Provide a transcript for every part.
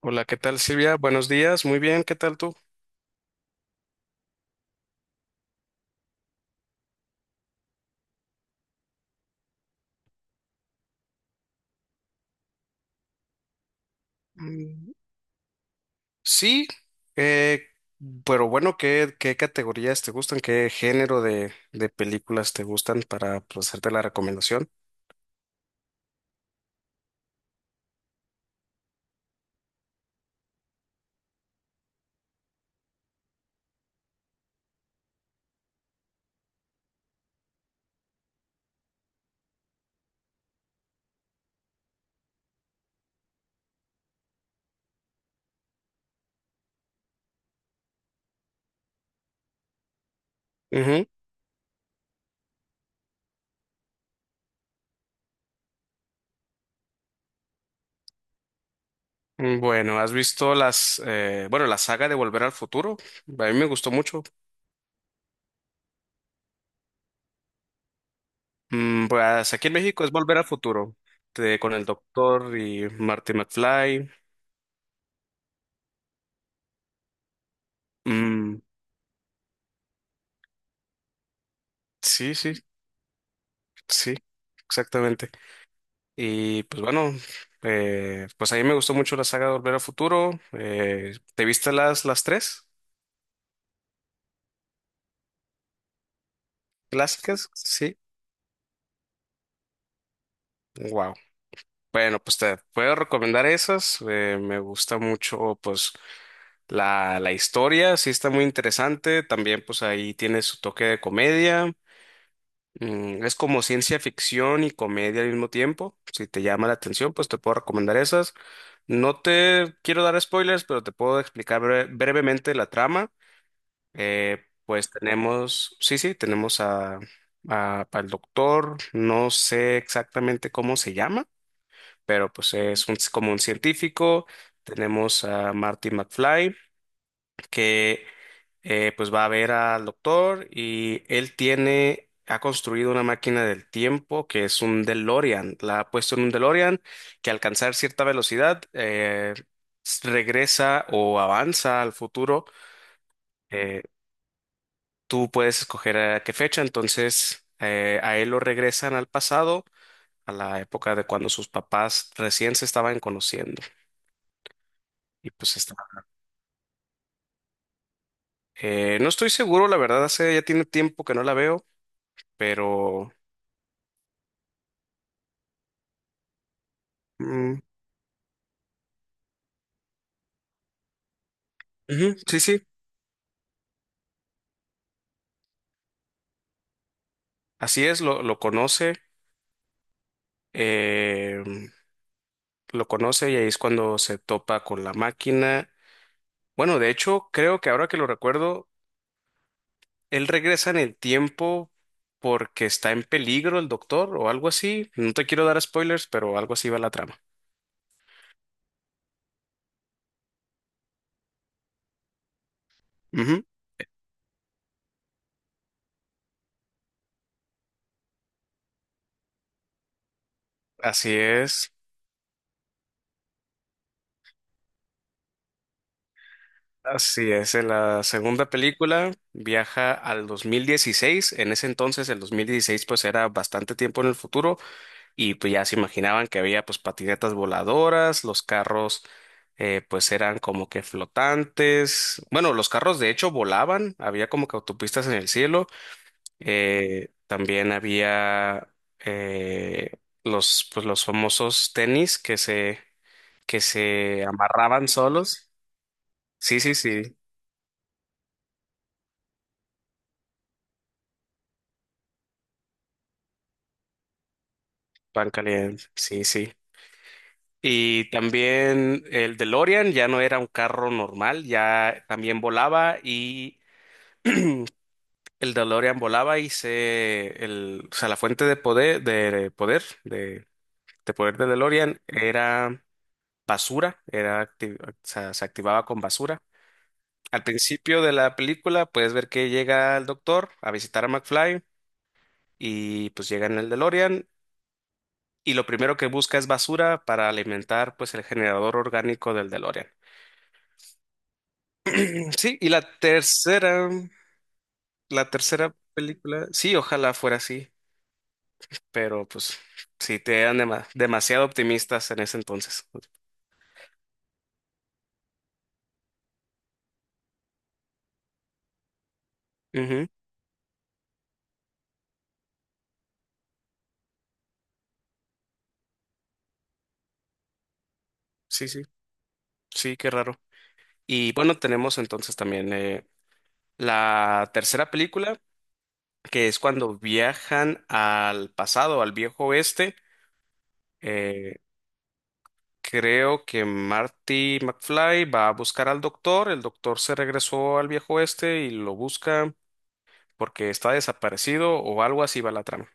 Hola, ¿qué tal, Silvia? Buenos días, muy bien, ¿qué tal tú? Mm, Sí, eh, pero bueno, ¿qué categorías te gustan? ¿Qué género de películas te gustan para pues hacerte la recomendación? Ujú. Bueno, ¿has visto las, bueno, la saga de Volver al Futuro? A mí me gustó mucho. Mm, pues aquí en México es Volver al Futuro, con el doctor y Marty McFly. Mm, sí, sí. Sí, exactamente. Y pues bueno, pues a mí me gustó mucho la saga de Volver al Futuro. ¿Te viste las tres clásicas? Sí. Wow. Bueno, pues te puedo recomendar esas. Me gusta mucho, pues, la historia, sí está muy interesante. También, pues, ahí tiene su toque de comedia. Es como ciencia ficción y comedia al mismo tiempo. Si te llama la atención, pues te puedo recomendar esas. No te quiero dar spoilers, pero te puedo explicar brevemente la trama. Pues tenemos, sí, sí, tenemos al doctor, no sé exactamente cómo se llama, pero pues es como un científico. Tenemos a Marty McFly, que pues va a ver al doctor y él tiene, ha construido una máquina del tiempo que es un DeLorean. La ha puesto en un DeLorean que al alcanzar cierta velocidad regresa o avanza al futuro. Eh, Tú puedes escoger a qué fecha, entonces a él lo regresan al pasado, a la época de cuando sus papás recién se estaban conociendo. Y pues está. No estoy seguro, la verdad, hace ya tiene tiempo que no la veo, pero... mm, ujú, sí, sí. Así es, lo conoce, eh, lo conoce y ahí es cuando se topa con la máquina. Bueno, de hecho, creo que ahora que lo recuerdo, él regresa en el tiempo porque está en peligro el doctor o algo así. No te quiero dar spoilers, pero algo así va la trama. Ujú, así es, así es. En la segunda película viaja al 2016. En ese entonces, el 2016 pues era bastante tiempo en el futuro. Y pues ya se imaginaban que había pues patinetas voladoras, los carros pues eran como que flotantes. Bueno, los carros de hecho volaban, había como que autopistas en el cielo. También había eh, los famosos tenis que se amarraban solos. Sí, sí, sí, pan caliente. Sí, sí. Y también el DeLorean ya no era un carro normal, ya también volaba y el DeLorean volaba y se, el, o sea, la fuente de poder de DeLorean era basura, era o sea, se activaba con basura. Al principio de la película puedes ver que llega el doctor a visitar a McFly y pues llega en el DeLorean y lo primero que busca es basura para alimentar pues el generador orgánico del DeLorean. Sí, y la tercera película, sí, ojalá fuera así. Pero pues sí, te eran demasiado optimistas en ese entonces. Ujú, sí, sí, sí, qué raro. Y bueno, tenemos entonces también la tercera película, que es cuando viajan al pasado, al viejo oeste. Eh, Creo que Marty McFly va a buscar al doctor, el doctor se regresó al viejo oeste y lo busca porque está desaparecido o algo así va la trama.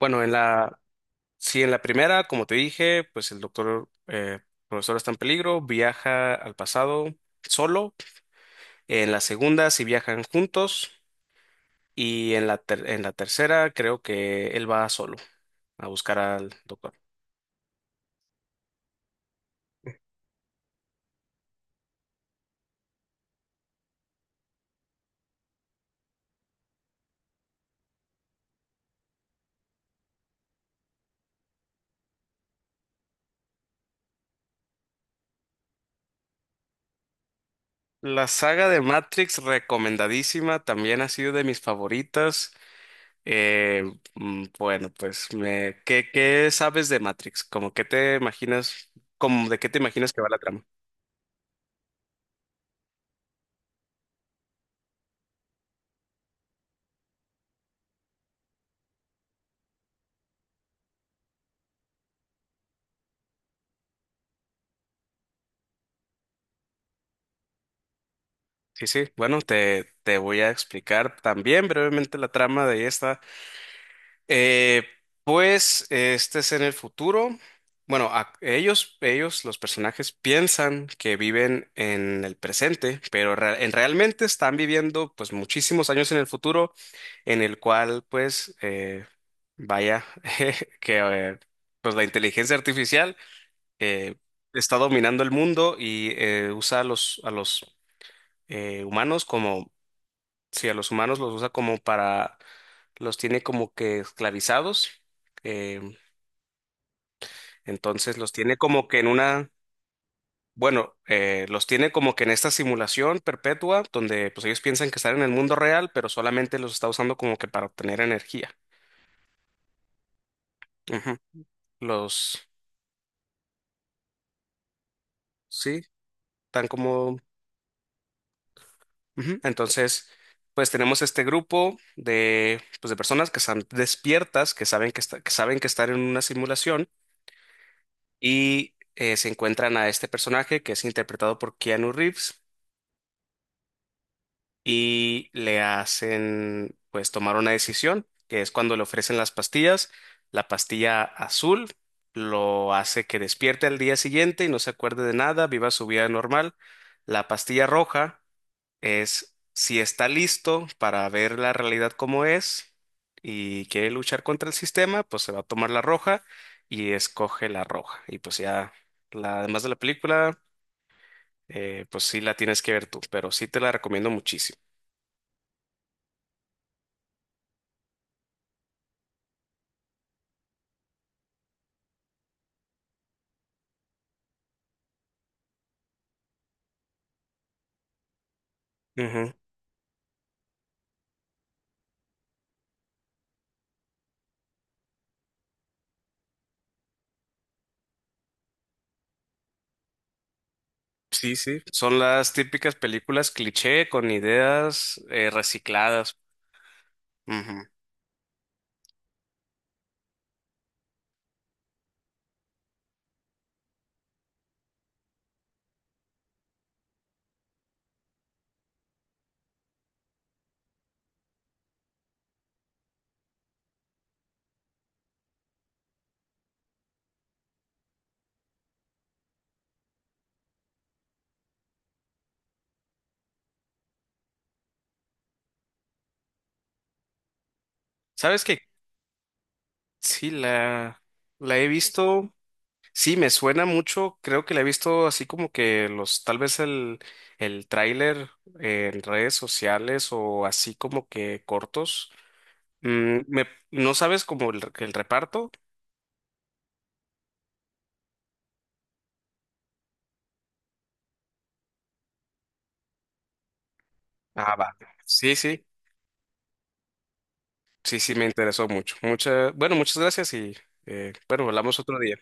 Bueno, en la... Sí, en la primera, como te dije, pues el doctor profesor está en peligro, viaja al pasado solo. En la segunda, sí viajan juntos. Y en la tercera, creo que él va solo a buscar al doctor. La saga de Matrix, recomendadísima, también ha sido de mis favoritas. Eh, bueno, pues, me, ¿qué sabes de Matrix? ¿Cómo que te imaginas, como de qué te imaginas que va la trama? Sí, sí, bueno, te voy a explicar también brevemente la trama de esta. Eh, pues este es en el futuro. Bueno, ellos, los personajes, piensan que viven en el presente, pero realmente están viviendo pues muchísimos años en el futuro, en el cual pues vaya que pues la inteligencia artificial eh, está dominando el mundo y usa a los humanos como sí, a los humanos los usa como para, los tiene como que esclavizados, eh, entonces los tiene como que en una, bueno, los tiene como que en esta simulación perpetua donde pues ellos piensan que están en el mundo real, pero solamente los está usando como que para obtener energía. Ujú. Los, sí, tan como, ujú. Entonces, pues tenemos este grupo de, pues, de personas que están despiertas, que saben que, que saben que están en una simulación y se encuentran a este personaje que es interpretado por Keanu Reeves y le hacen pues tomar una decisión, que es cuando le ofrecen las pastillas. La pastilla azul lo hace que despierte al día siguiente y no se acuerde de nada, viva su vida normal. La pastilla roja es si está listo para ver la realidad como es y quiere luchar contra el sistema, pues se va a tomar la roja y escoge la roja. Y pues ya, la, además de la película, pues sí la tienes que ver tú, pero sí te la recomiendo muchísimo. Ujú. Sí, sí, son las típicas películas cliché con ideas recicladas. Ujú. ¿Sabes qué? Sí, la he visto, sí, me suena mucho, creo que la he visto así como que los, tal vez el tráiler en redes sociales o así como que cortos. Mm, me, ¿no sabes como el reparto? Ah, va. Sí, sí, sí, sí, me interesó mucho. Mucha, bueno, muchas gracias y bueno, hablamos otro día.